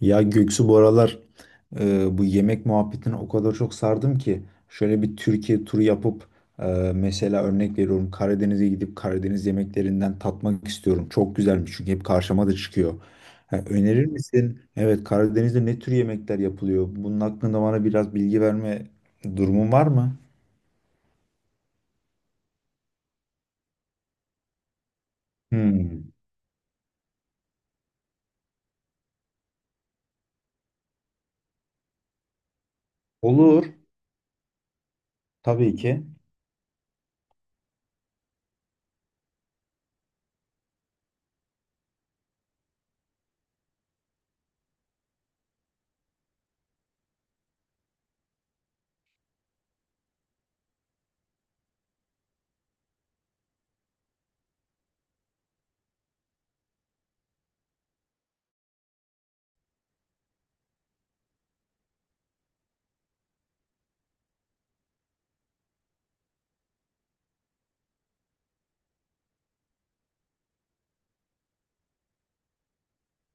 Ya Göksu bu aralar bu yemek muhabbetine o kadar çok sardım ki şöyle bir Türkiye turu yapıp e, mesela örnek veriyorum Karadeniz'e gidip Karadeniz yemeklerinden tatmak istiyorum. Çok güzelmiş çünkü hep karşıma da çıkıyor. Ha, önerir misin? Evet, Karadeniz'de ne tür yemekler yapılıyor? Bunun hakkında bana biraz bilgi verme durumun var mı? Hmm. Olur. Tabii ki.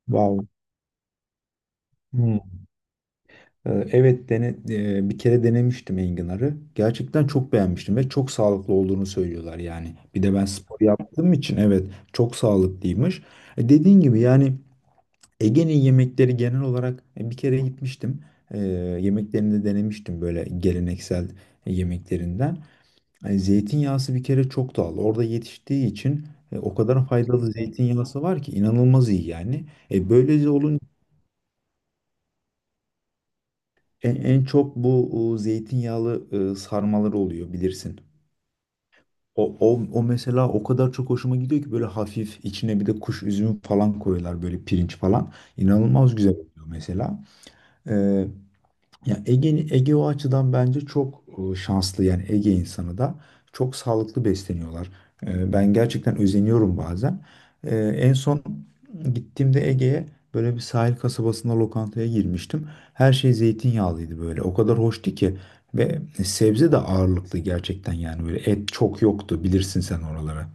Wow. Hmm. Evet dene, bir kere denemiştim enginarı. Gerçekten çok beğenmiştim ve çok sağlıklı olduğunu söylüyorlar yani. Bir de ben spor yaptığım için evet, çok sağlıklıymış. Dediğin gibi yani Ege'nin yemekleri genel olarak, bir kere gitmiştim. E, Yemeklerini de denemiştim, böyle geleneksel yemeklerinden. Zeytinyağısı bir kere çok doğal. Orada yetiştiği için o kadar faydalı zeytinyağısı var ki inanılmaz iyi yani. Böylece olunca en, en çok bu zeytinyağlı sarmalar oluyor, bilirsin. O mesela o kadar çok hoşuma gidiyor ki, böyle hafif içine bir de kuş üzümü falan koyuyorlar, böyle pirinç falan. İnanılmaz güzel oluyor mesela. Ya Ege, Ege o açıdan bence çok şanslı yani, Ege insanı da çok sağlıklı besleniyorlar. Ben gerçekten özeniyorum bazen. En son gittiğimde Ege'ye böyle bir sahil kasabasında lokantaya girmiştim. Her şey zeytinyağlıydı böyle. O kadar hoştu ki, ve sebze de ağırlıklı gerçekten yani, böyle et çok yoktu, bilirsin sen oralara.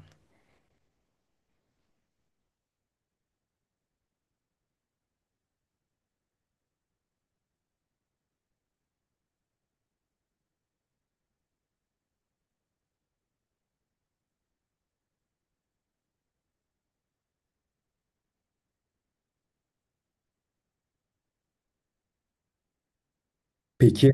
Peki.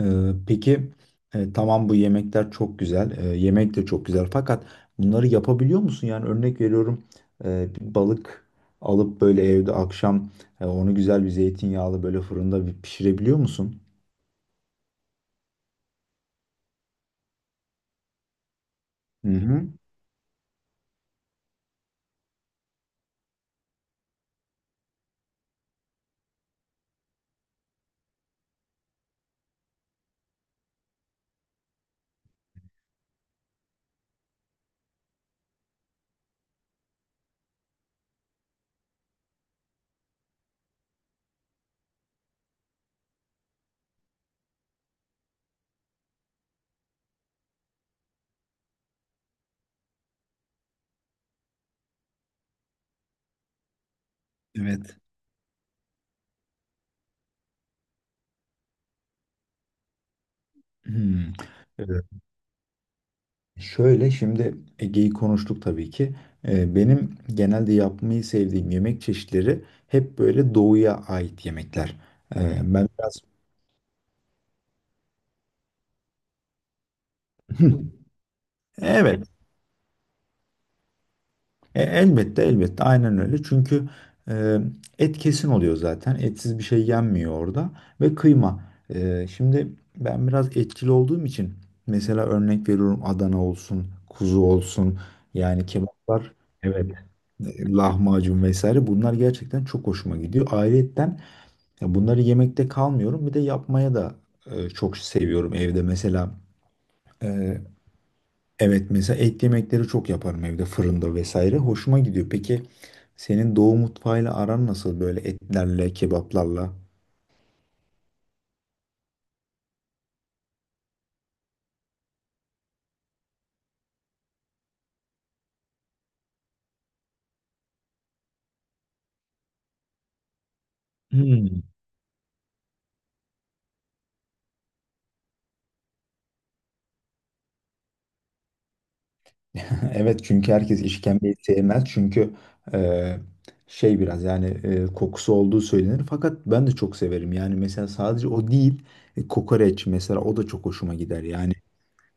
Peki, tamam, bu yemekler çok güzel, yemek de çok güzel. Fakat bunları yapabiliyor musun? Yani örnek veriyorum, bir balık alıp böyle evde akşam, onu güzel bir zeytinyağlı böyle fırında bir pişirebiliyor musun? Hı hı. Evet. Hmm. Evet. Şöyle, şimdi Ege'yi konuştuk tabii ki. Benim genelde yapmayı sevdiğim yemek çeşitleri hep böyle doğuya ait yemekler. Ben biraz evet. Elbette elbette aynen öyle. Çünkü e, et kesin oluyor zaten. Etsiz bir şey yenmiyor orada. Ve kıyma. Şimdi ben biraz etçil olduğum için mesela örnek veriyorum, Adana olsun, kuzu olsun. Yani kebaplar, evet, lahmacun vesaire, bunlar gerçekten çok hoşuma gidiyor. Ayrıyetten, ya bunları yemekte kalmıyorum. Bir de yapmaya da çok seviyorum evde. Mesela e, evet, mesela et yemekleri çok yaparım evde, fırında vesaire. Hoşuma gidiyor. Peki senin doğu mutfağıyla aran nasıl böyle, etlerle, kebaplarla? Hmm. Evet, çünkü herkes işkembeyi sevmez. Çünkü e, şey biraz yani, kokusu olduğu söylenir. Fakat ben de çok severim. Yani mesela sadece o değil, kokoreç mesela, o da çok hoşuma gider. Yani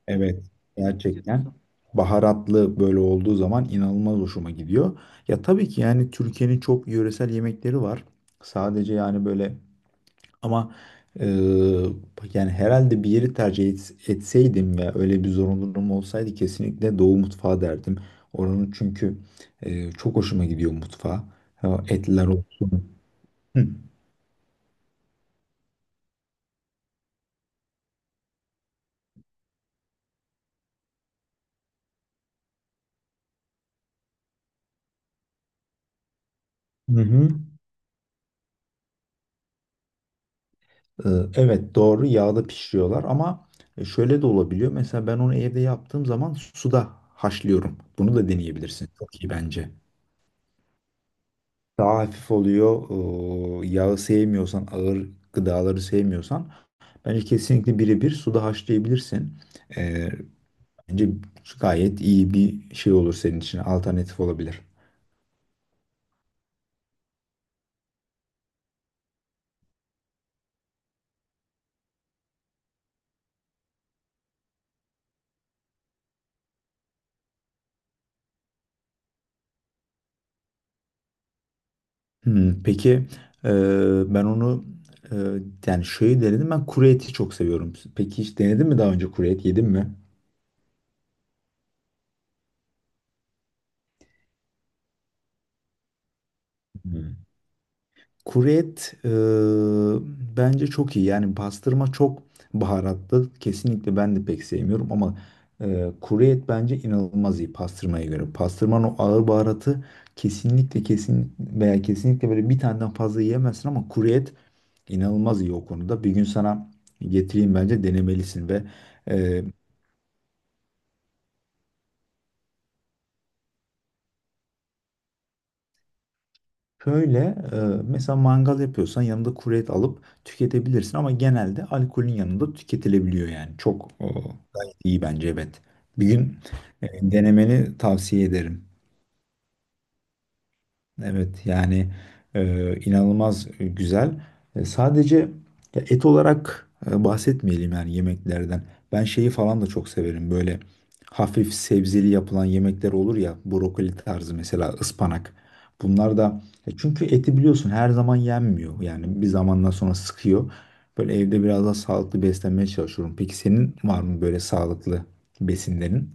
evet, gerçekten baharatlı böyle olduğu zaman inanılmaz hoşuma gidiyor. Ya tabii ki yani Türkiye'nin çok yöresel yemekleri var. Sadece yani böyle, ama e, yani herhalde bir yeri etseydim ve öyle bir zorunluluğum olsaydı kesinlikle Doğu mutfağı derdim. Oranın çünkü çok hoşuma gidiyor mutfağı. Ha, etler olsun. Hı. Hı hı. Ee, Evet, doğru, yağda pişiriyorlar ama şöyle de olabiliyor. Mesela ben onu evde yaptığım zaman suda haşlıyorum. Bunu da deneyebilirsin. Çok iyi bence. Daha hafif oluyor. Yağı sevmiyorsan, ağır gıdaları sevmiyorsan bence kesinlikle birebir suda haşlayabilirsin. Ee, Bence gayet iyi bir şey olur senin için. Alternatif olabilir. Hmm, peki, e, ben onu e, yani şöyle denedim. Ben kuru eti çok seviyorum. Peki hiç denedin mi daha önce, kuru et yedin mi? Hmm. Kuru et bence çok iyi. Yani pastırma çok baharatlı. Kesinlikle ben de pek sevmiyorum ama kuru et bence inanılmaz iyi pastırmaya göre. Pastırmanın o ağır baharatı kesinlikle kesin veya kesinlikle böyle bir taneden fazla yiyemezsin ama kuru et inanılmaz iyi o konuda. Bir gün sana getireyim, bence denemelisin ve e, şöyle mesela mangal yapıyorsan yanında kuru et alıp tüketebilirsin ama genelde alkolün yanında tüketilebiliyor yani. Çok gayet iyi bence, evet. Bir gün denemeni tavsiye ederim. Evet yani inanılmaz güzel. Sadece ya et olarak bahsetmeyelim yani yemeklerden. Ben şeyi falan da çok severim, böyle hafif sebzeli yapılan yemekler olur ya, brokoli tarzı, mesela ıspanak. Bunlar da çünkü eti biliyorsun her zaman yenmiyor yani bir zamandan sonra sıkıyor. Böyle evde biraz daha sağlıklı beslenmeye çalışıyorum. Peki senin var mı böyle sağlıklı besinlerin?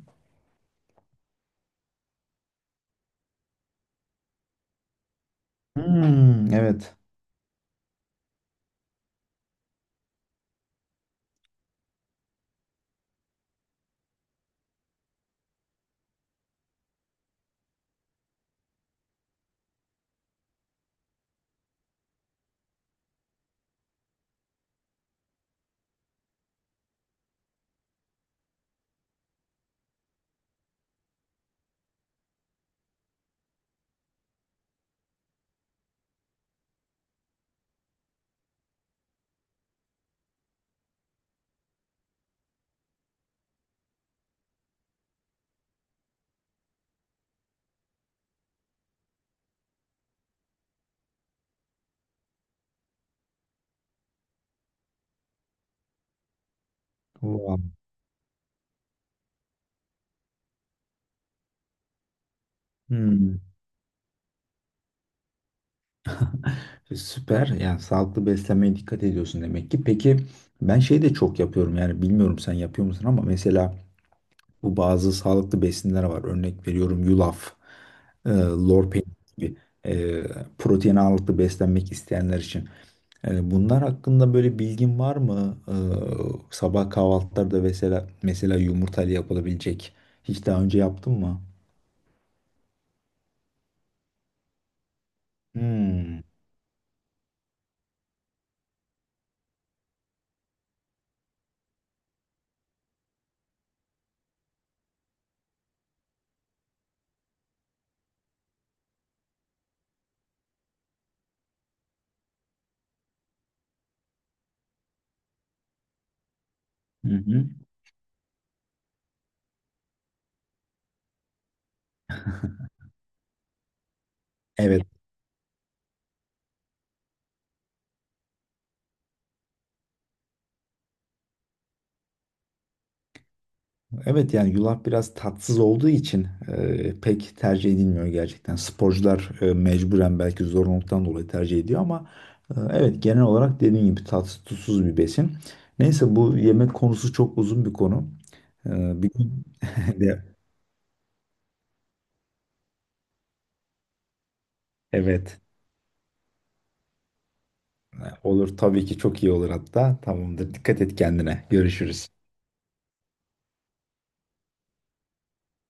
Hmm, evet. Wow. Hmm. Süper. Yani sağlıklı beslenmeye dikkat ediyorsun demek ki. Peki ben şey de çok yapıyorum yani, bilmiyorum sen yapıyor musun ama, mesela bu bazı sağlıklı besinler var. Örnek veriyorum, yulaf, lor peyniri gibi e, protein ağırlıklı beslenmek isteyenler için. Bunlar hakkında böyle bilgin var mı? Sabah kahvaltılarda mesela yumurtayla yapılabilecek. Hiç daha önce yaptın mı? Hmm. Hı hı. Evet. Evet yani yulaf biraz tatsız olduğu için pek tercih edilmiyor gerçekten. Sporcular mecburen belki zorunluluktan dolayı tercih ediyor ama evet, genel olarak dediğim gibi tatsız tuzsuz bir besin. Neyse, bu yemek konusu çok uzun bir konu. E, Bir gün de- evet, olur tabii ki, çok iyi olur hatta. Tamamdır. Dikkat et kendine. Görüşürüz.